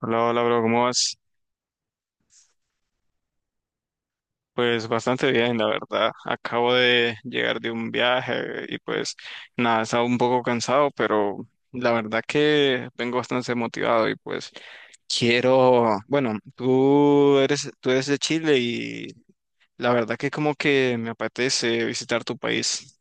Hola, hola, bro, ¿cómo vas? Pues bastante bien, la verdad. Acabo de llegar de un viaje y pues nada, estaba un poco cansado, pero la verdad que vengo bastante motivado y pues quiero, bueno, tú eres de Chile y la verdad que como que me apetece visitar tu país.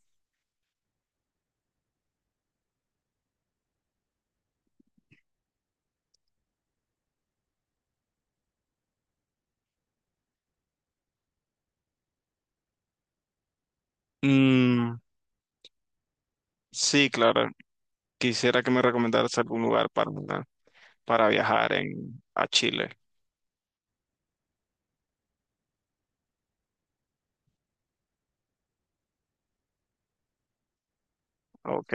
Mm, sí, claro, quisiera que me recomendaras algún lugar para viajar en, a Chile. Ok.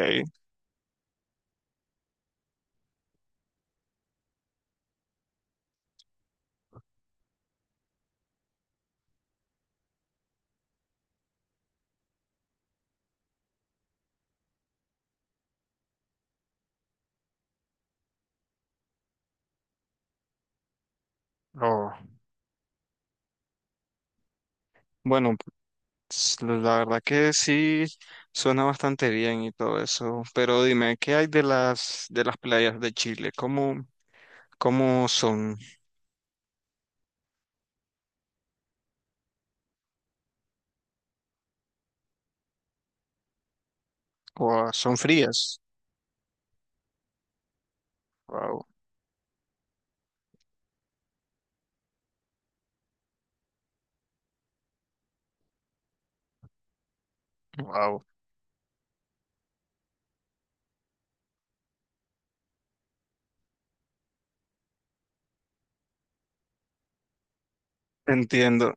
Oh. Bueno, la verdad que sí suena bastante bien y todo eso, pero dime, ¿qué hay de las playas de Chile? ¿Cómo, cómo son? Guau, ¿son frías? Wow, wow. Entiendo.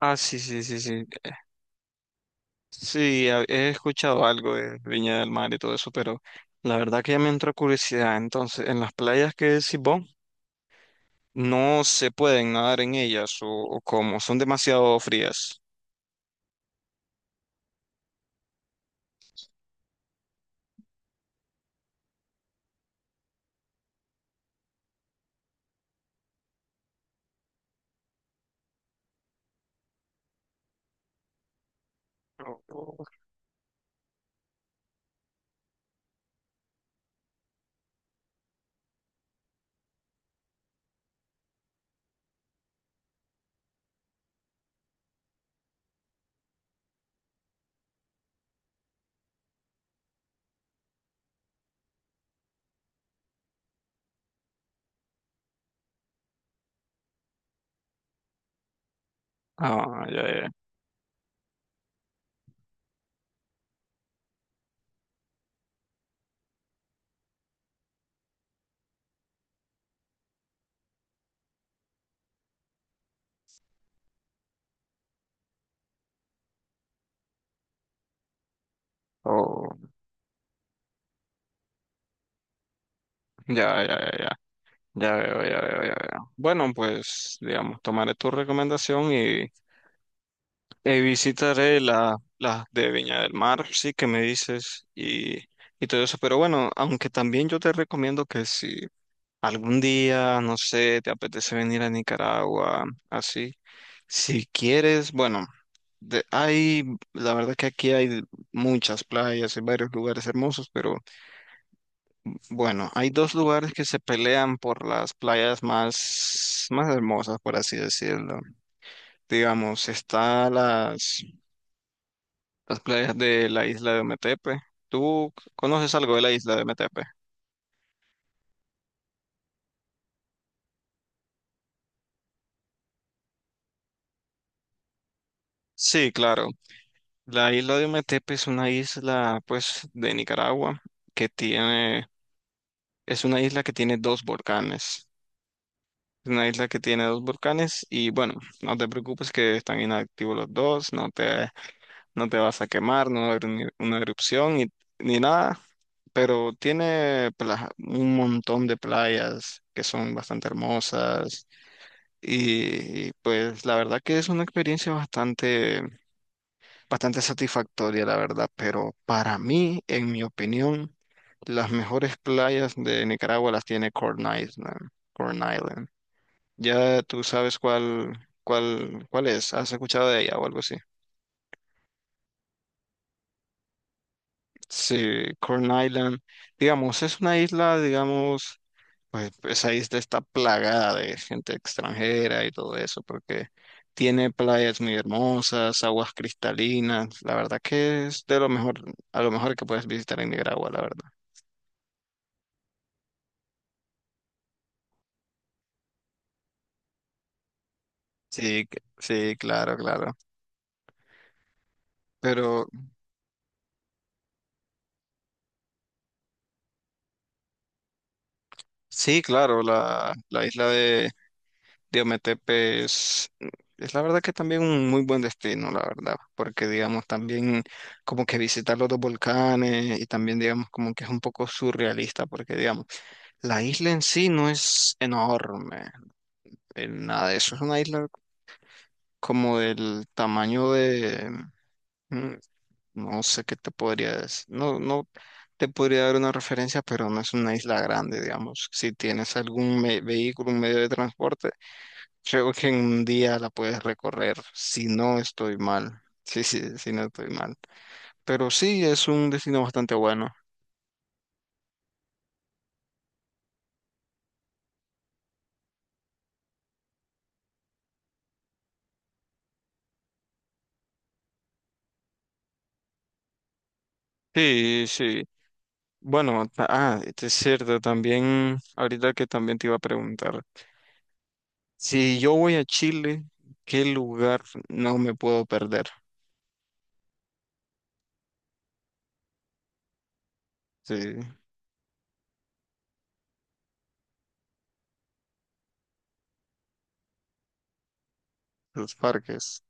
Ah, sí, sí, sí, sí. Sí, he escuchado algo de Viña del Mar y todo eso, pero la verdad que ya me entró curiosidad. Entonces, en las playas que decís vos, no se pueden nadar en ellas o cómo, son demasiado frías. Oh, oh. Ah, ya, ya. Oh, ya, ya, ya, ya. Ya veo, ya veo, ya veo. Bueno, pues, digamos, tomaré tu recomendación y visitaré la, las de Viña del Mar, sí, que me dices, y todo eso. Pero bueno, aunque también yo te recomiendo que si algún día, no sé, te apetece venir a Nicaragua, así. Si quieres, bueno, hay, la verdad que aquí hay muchas playas y varios lugares hermosos, pero bueno, hay dos lugares que se pelean por las playas más, más hermosas, por así decirlo. Digamos, está las playas de la isla de Metepe. ¿Tú conoces algo de la isla de Metepe? Sí, claro. La isla de Ometepe es una isla, pues, de Nicaragua que tiene, es una isla que tiene dos volcanes. Es una isla que tiene dos volcanes y bueno, no te preocupes que están inactivos los dos, no te, no te vas a quemar, no va a haber una erupción ni, ni nada, pero tiene un montón de playas que son bastante hermosas y pues la verdad que es una experiencia bastante satisfactoria, la verdad, pero para mí, en mi opinión, las mejores playas de Nicaragua las tiene Corn Island. Corn Island. Ya tú sabes cuál, cuál, cuál es, has escuchado de ella o algo así. Sí, Corn Island, digamos, es una isla, digamos, pues esa isla está plagada de gente extranjera y todo eso, porque tiene playas muy hermosas, aguas cristalinas, la verdad que es de lo mejor, a lo mejor que puedes visitar en Nicaragua, la verdad. Sí, sí, claro, claro. Pero sí, claro, la isla de Diometepe es la verdad que también un muy buen destino, la verdad, porque digamos también como que visitar los dos volcanes y también digamos como que es un poco surrealista, porque digamos, la isla en sí no es enorme, nada de eso, es una isla como del tamaño de... No sé qué te podrías, no te podría dar una referencia, pero no es una isla grande, digamos. Si tienes algún vehículo, un medio de transporte, creo que en un día la puedes recorrer, si no estoy mal. Sí, sí, si no estoy mal. Pero sí, es un destino bastante bueno. Sí, sí. Bueno, este es cierto, también, ahorita que también te iba a preguntar, si yo voy a Chile, ¿qué lugar no me puedo perder? Sí, los parques.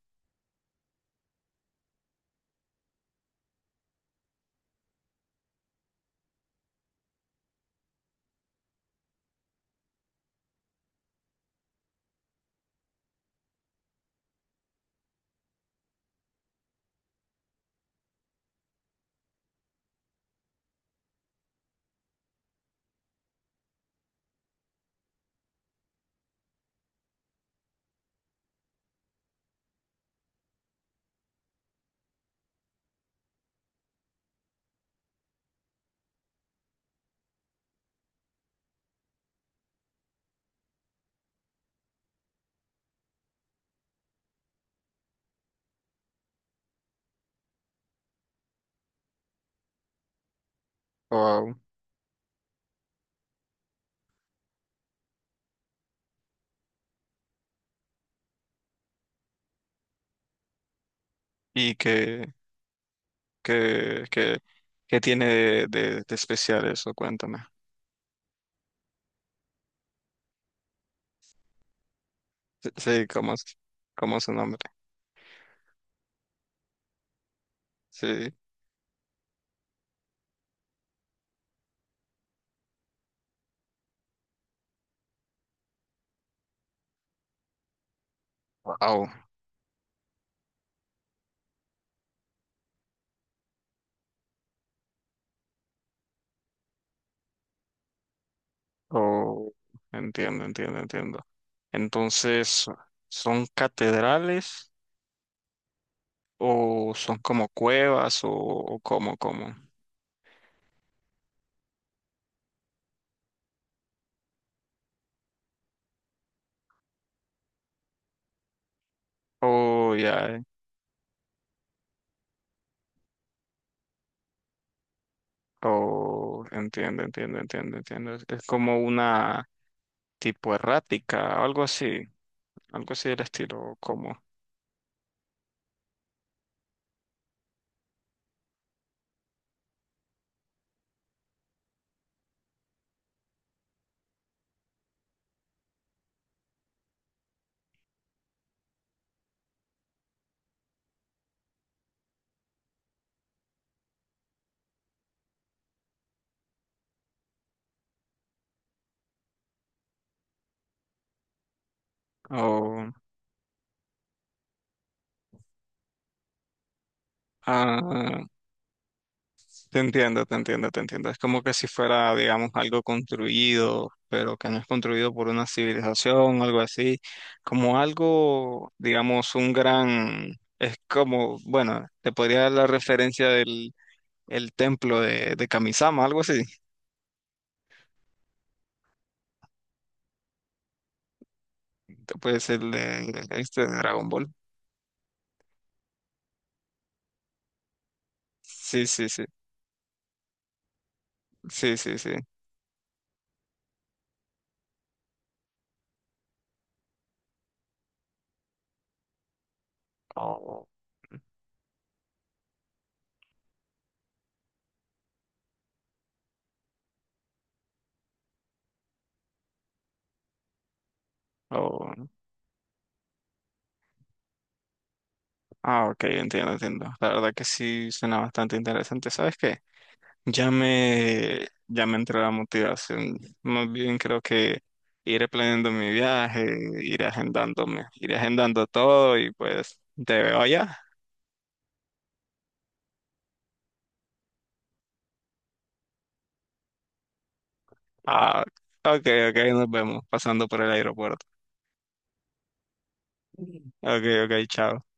Wao. ¿Y qué, qué, qué tiene de, de especial eso? Cuéntame. Sí, sí, cómo es su nombre? Sí. Wow. Oh, entiendo, entiendo, entiendo. Entonces, ¿son catedrales o son como cuevas o cómo, cómo? Oh, ya. Eh. Oh, entiendo, entiendo, entiendo, entiendo. Es como una tipo errática, algo así del estilo, como. Oh, ah. Te entiendo, te entiendo, te entiendo. Es como que si fuera, digamos, algo construido, pero que no es construido por una civilización, algo así, como algo, digamos, un gran, es como, bueno, te podría dar la referencia del el templo de Kamisama, algo así. Te puede ser de, este, de Dragon Ball. Sí, sí, sí, sí, sí, sí. Oh. Oh, ah, ok, entiendo, entiendo. La verdad que sí suena bastante interesante. ¿Sabes qué? Ya me entró la motivación. Más bien creo que iré planeando mi viaje, iré agendándome, iré agendando todo y pues te veo allá. Ah, ok, ok, nos vemos pasando por el aeropuerto. Ok, ok, chao.